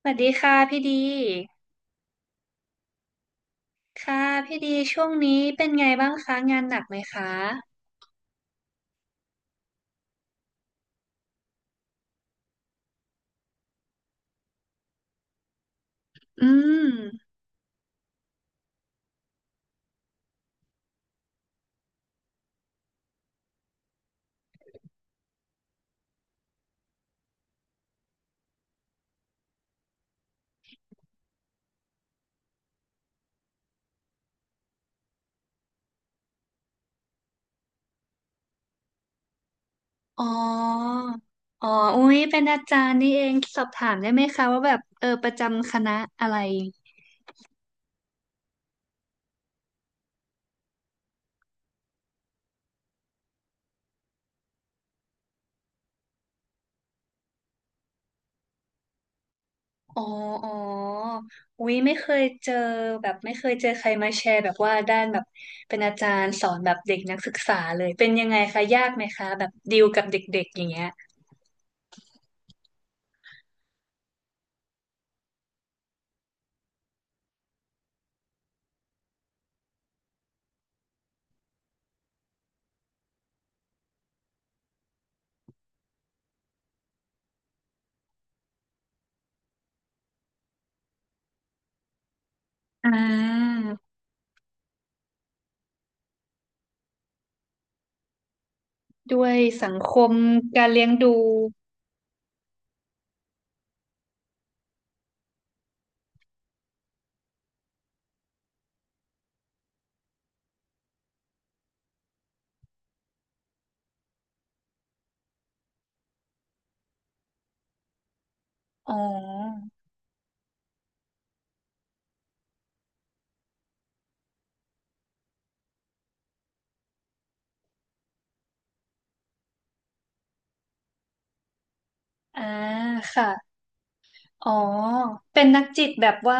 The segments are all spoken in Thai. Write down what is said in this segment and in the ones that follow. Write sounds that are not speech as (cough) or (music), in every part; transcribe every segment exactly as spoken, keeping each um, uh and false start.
สวัสดีค่ะพี่ดี ค่ะพี่ดีช่วงนี้เป็นไงบ้างคะงานหนักไหมคะอืมอ๋อ อ๋ออุ๊ยเป็นอาจารย์นี่เองสอบถามได้ไหมคะว่าแบบเออประจำคณะอะไรอ๋ออ๋ออุ๊ยไม่เคยเจอแบบไม่เคยเจอใครมาแชร์แบบว่าด้านแบบเป็นอาจารย์สอนแบบเด็กนักศึกษาเลยเป็นยังไงคะยากไหมคะแบบดีลกับเด็กๆอย่างเงี้ยอ่าด้วยสังคมการเลี้ยงดูอ๋อ อ่าค่ะอ๋อเป็นนักจิตแบบว่า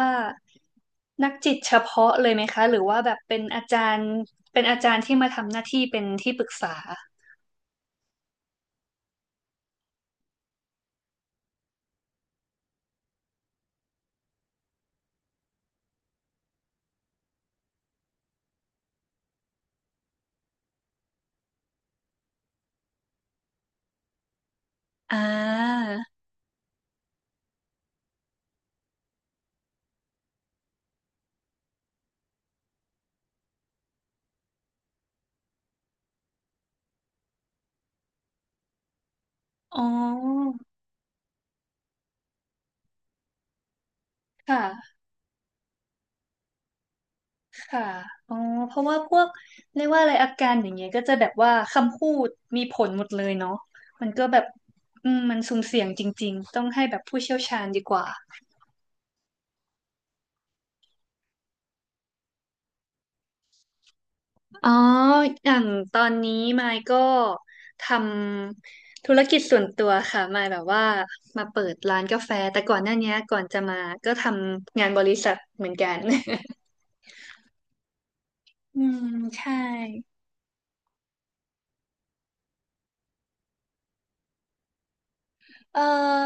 นักจิตเฉพาะเลยไหมคะหรือว่าแบบเป็นอาจารย์เป็นอาจารย์ที่มาทำหน้าที่เป็นที่ปรึกษาอ่าอ๋อค่ะค่ะอ๋อเพราะว่าพวกเรียกว่าอะไรอาการอย่างเงี้ยก็จะแบบว่าคำพูดมีผลหมดเลยเนาะมันก็แบบอืมมันสุ่มเสี่ยงจริงๆต้องให้แบบผู้เชี่ยวชาญดีกว่า อ๋ออย่างตอนนี้มายก็ทำธุรกิจส่วนตัวค่ะมายแบบว่ามาเปิดร้านกาแฟแต่ก่อนหน้านี้ก่อนจะมาก็ทำงานบริษัทเหมือนกัน (laughs) อืมใช่เอ่อ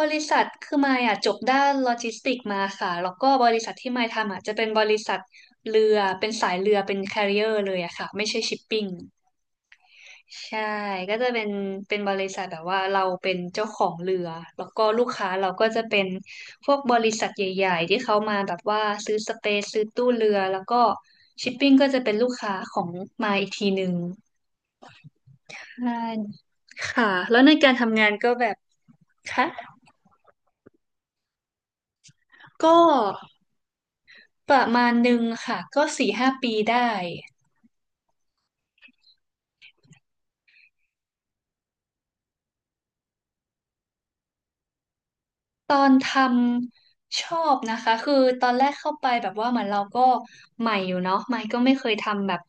บริษัทคือมายอ่ะจบด้านโลจิสติกมาค่ะแล้วก็บริษัทที่มายทำอ่ะจะเป็นบริษัทเรือเป็นสายเรือเป็นแคเร อาร์ ไอ อี อาร์ ร์เลยอะค่ะไม่ใช่ชิปปิ้ง ใช่ ก็จะเป็นเป็นบริษัทแบบว่าเราเป็นเจ้าของเรือ แล้วก็ลูกค้าเราก็จะเป็นพวกบริษัทใหญ่ๆที่เขามาแบบว่าซื้อสเปซซื้อตู้เรือ แล้วก็ชิปปิ้งก็จะเป็นลูกค้าของมาอีกทีหนึ่งใช่ค่ะแล้วในการทำงานก็แบบค่ะก็ประมาณหนึ่งค่ะ ก็สี่ห้าปีได้ ตอนทำชอบนะคะคือตอนแรกเข้าไปแบบว่าเหมือนเราก็ใหม่อยู่เนาะใหม่ก็ไม่เคยทำแบบ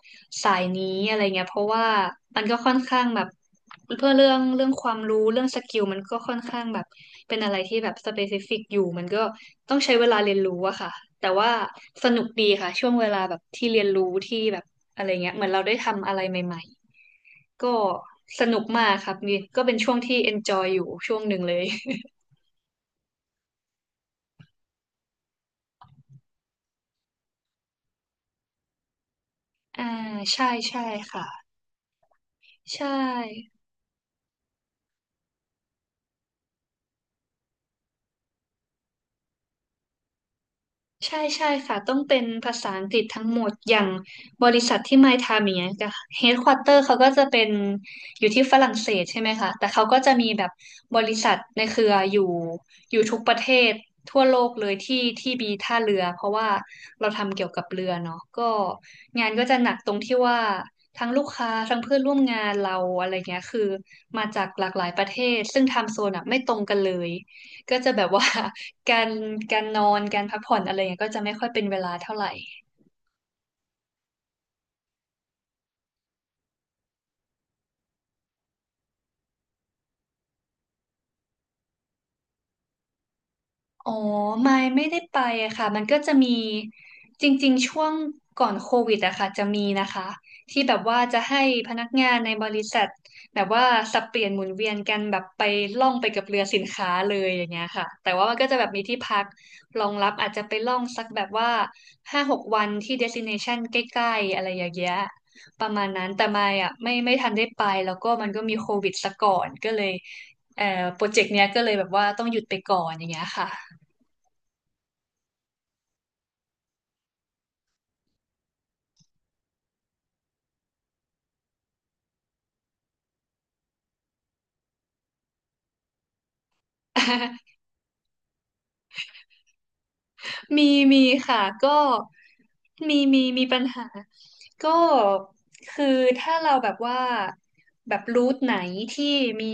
สายนี้อะไรเงี้ยเพราะว่ามันก็ค่อนข้างแบบเพื่อเรื่องเรื่องความรู้เรื่องสกิลมันก็ค่อนข้างแบบเป็นอะไรที่แบบสเปซิฟิกอยู่มันก็ต้องใช้เวลาเรียนรู้อะค่ะแต่ว่าสนุกดีค่ะช่วงเวลาแบบที่เรียนรู้ที่แบบอะไรเงี้ยเหมือนเราได้ทำอะไรใหม่ๆก็สนุกมากครับนี่ก็เป็นช่วงที่ enjoy อยู่ช่วงหนึ่งเลย อ่าใช่ใช่ค่ะใช่ ใช่ใช่ค่ะต้องเป็นภาษาอังกฤษทั้งหมดอย่างบริษัทที่ไมค์ทำอย่างเงี้ยค่ะเฮดควอเตอร์เขาก็จะเป็นอยู่ที่ฝรั่งเศสใช่ไหมคะแต่เขาก็จะมีแบบบริษัทในเครืออยู่อยู่ทุกประเทศทั่วโลกเลยที่ที่มีท่าเรือเพราะว่าเราทำเกี่ยวกับเรือเนาะก็งานก็จะหนักตรงที่ว่าทั้งลูกค้าทั้งเพื่อนร่วมงานเราอะไรเงี้ยคือมาจากหลากหลายประเทศซึ่งไทม์โซนอะไม่ตรงกันเลยก็จะแบบว่า การการนอนการพักผ่อนอะไรเงี้ยก็จะไม่ค่อยเป็นเวลาเท่าไหร่ อ๋อไม่ไม่ได้ไปอะค่ะมันก็จะมีจริงๆช่วงก่อนโควิดอะค่ะจะมีนะคะที่แบบว่าจะให้พนักงานในบริษัทแบบว่าสับเปลี่ยนหมุนเวียนกันแบบไปล่องไปกับเรือสินค้าเลยอย่างเงี้ยค่ะแต่ว่ามันก็จะแบบมีที่พักรองรับอาจจะไปล่องสักแบบว่าห้าหกวันที่เดสติเนชันใกล้ๆอะไรอย่างเงี้ยประมาณนั้นแต่ไม่อะไม่ไม่ทันได้ไปแล้วก็มันก็มีโควิดซะก่อนก็เลยเอ่อโปรเจกต์เนี้ยก็เลยแบบว่าต้องหยุดไปก่อนอย่างเงี้ยค่ะ (laughs) มีมีค่ะก็มีมีมีปัญหาก็คือถ้าเราแบบว่าแบบรูทไหนที่มี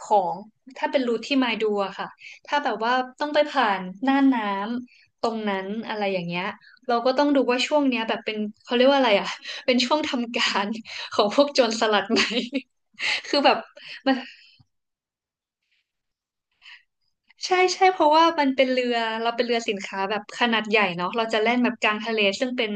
ของถ้าเป็นรูทที่มาดูอะค่ะถ้าแบบว่าต้องไปผ่านหน้าน้ำตรงนั้นอะไรอย่างเงี้ยเราก็ต้องดูว่าช่วงเนี้ยแบบเป็นเขาเรียกว่าอะไรอะ (laughs) เป็นช่วงทำการของพวกโจรสลัดไหม (laughs) คือแบบมัน ใช่ใช่เพราะว่ามันเป็นเรือเราเป็นเรือสินค้าแบบขนาดใหญ่เนาะเราจะแล่นแบบกลางทะเลซึ่งเป็น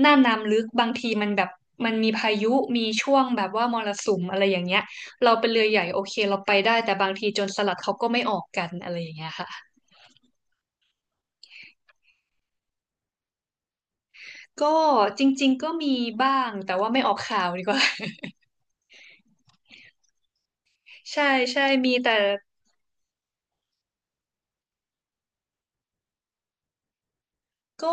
หน้าน้ำลึกบางทีมันแบบมันมีพายุมีช่วงแบบว่ามรสุมอะไรอย่างเงี้ยเราเป็นเรือใหญ่โอเคเราไปได้แต่บางทีโจรสลัดเขาก็ไม่ออกกันอะไรอย่างเงี้ยค่ะก็จริงๆก็มีบ้างแต่ว่าไม่ออกข่าวดีกว่า (laughs) ใช่ใช่มีแต่ ก็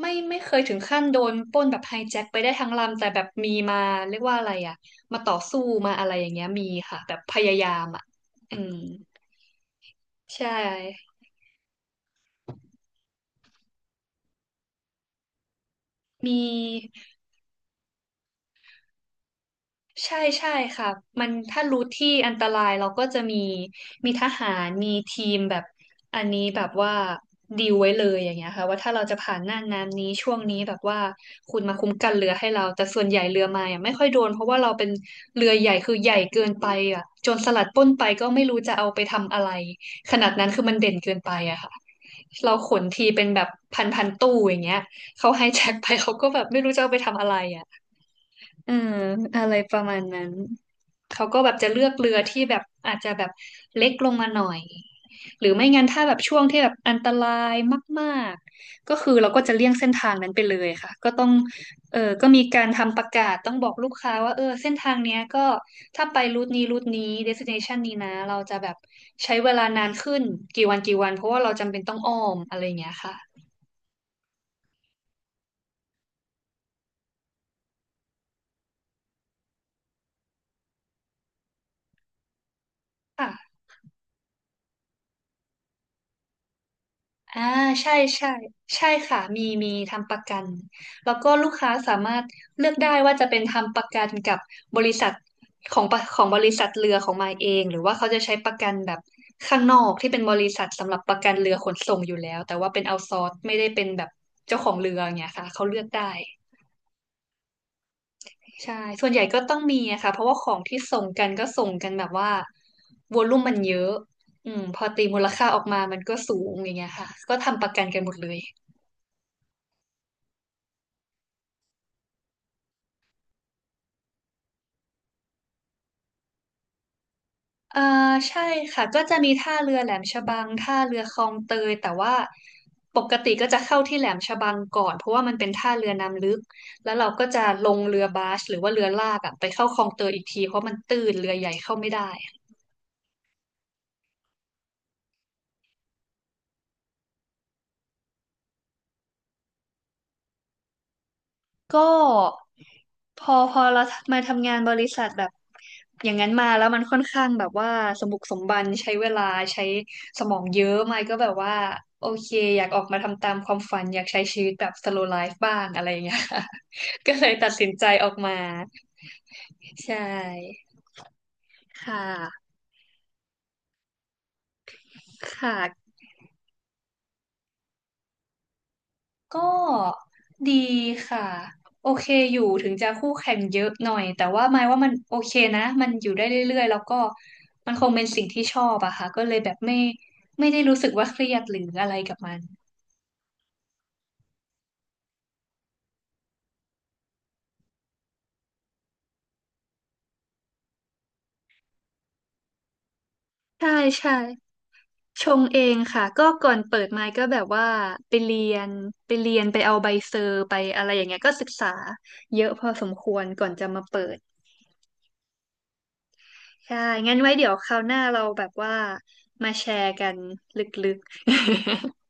ไม่ไม่เคยถึงขั้นโดนปล้นแบบไฮแจ็คไปได้ทั้งลำแต่แบบมีมาเรียกว่าอะไรอ่ะมาต่อสู้มาอะไรอย่างเงี้ยมีค่ะแบบพยายามอ่ะอืมใช่มี ใช่ใช่ค่ะมันถ้ารู้ที่อันตรายเราก็จะมีมีทหารมีทีมแบบอันนี้แบบว่าดีลไว้เลยอย่างเงี้ยค่ะว่าถ้าเราจะผ่านหน้าน้ำนี้ช่วงนี้แบบว่าคุณมาคุ้มกันเรือให้เราแต่ส่วนใหญ่เรือมาอ่ะไม่ค่อยโดนเพราะว่าเราเป็นเรือใหญ่คือใหญ่เกินไปอ่ะโจรสลัดปล้นไปก็ไม่รู้จะเอาไปทำอะไรขนาดนั้นคือมันเด่นเกินไปอะค่ะเราขนทีเป็นแบบพันพันตู้อย่างเงี้ยเขาไฮแจ็คไปเขาก็แบบไม่รู้จะเอาไปทำอะไร เอออะไรประมาณนั้นเขาก็แบบจะเลือกเรือที่แบบอาจจะแบบเล็กลงมาหน่อย หรือไม่งั้นถ้าแบบช่วงที่แบบอันตรายมากๆก็คือเราก็จะเลี่ยงเส้นทางนั้นไปเลยค่ะก็ต้องเออก็มีการทำประกาศต้องบอกลูกค้าว่าเออเส้นทางเนี้ยก็ถ้าไปรูทนี้รูทนี้ destination นี้นะเราจะแบบใช้เวลานานขึ้นกี่วันกี่วันเพราะว่าเราจำเป็นต้องอ้อมอะไรอย่างเงี้ยค่ะ อ่าใช่ใช่ใช่ค่ะมีมีทำประกันแล้วก็ลูกค้าสามารถเลือกได้ว่าจะเป็นทำประกันกับบริษัทของปะของบริษัทเรือของมายเองหรือว่าเขาจะใช้ประกันแบบข้างนอกที่เป็นบริษัทสำหรับประกันเรือขนส่งอยู่แล้วแต่ว่าเป็นเอาซอร์ไม่ได้เป็นแบบเจ้าของเรืออย่างเงี้ยค่ะเขาเลือกได้ใช่ส่วนใหญ่ก็ต้องมีอะค่ะเพราะว่าของที่ส่งกันก็ส่งกันแบบว่าวอลลุ่มมันเยอะอืมพอตีมูลค่าออกมามันก็สูงอย่างเงี้ยค่ะก็ทำประกันกันหมดเลย เอ่อใช่ค่ะก็จะมีท่าเรือแหลมฉบังท่าเรือคลองเตยแต่ว่าปกติก็จะเข้าที่แหลมฉบังก่อนเพราะว่ามันเป็นท่าเรือน้ำลึกแล้วเราก็จะลงเรือบาสหรือว่าเรือลากอะไปเข้าคลองเตยอีกทีเพราะมันตื้นเรือใหญ่เข้าไม่ได้ก็ พอพอเรามาทำงานบริษัทแบบอย่างนั้นมาแล้วมันค่อนข้างแบบว่าสมบุกสมบันใช้เวลาใช้สมองเยอะมายก็แบบว่าโอเคอยากออกมาทำตามความฝันอยากใช้ชีวิตแบบ slow life บ้างอะไรอย่างเงี้ย (laughs) ค่ะ (laughs) ก็เลยตัดสินใจออกมาใช่ค่ะค่ะ ก็ดีค่ะโอเคอยู่ถึงจะคู่แข่งเยอะหน่อยแต่ว่าหมายว่ามันโอเคนะมันอยู่ได้เรื่อยๆแล้วก็มันคงเป็นสิ่งที่ชอบอะค่ะก็เลยแบบไม่ไม่ได้รู้สึกว่าเครียดหรืออะไรกับมันใช่ใช่ชงเองค่ะก็ก่อนเปิดไมค์ก็แบบว่าไปเรียนไปเรียนไปเอาใบเซอร์ไปอะไรอย่างเงี้ยก็ศึกษาเยอะพอสมควรก่อนจะมาเปิดใช่งั้นไว้เดี๋ยวคราวหน้าเราแบบว่ามาแชร์กันลึกๆ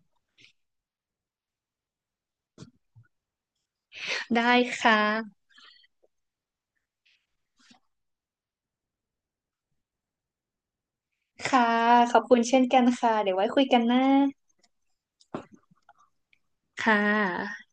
ได้ค่ะค่ะ ขอบคุณเช่นกันค่ะ เดี๋ยวไว้คุยกันนะค่ะ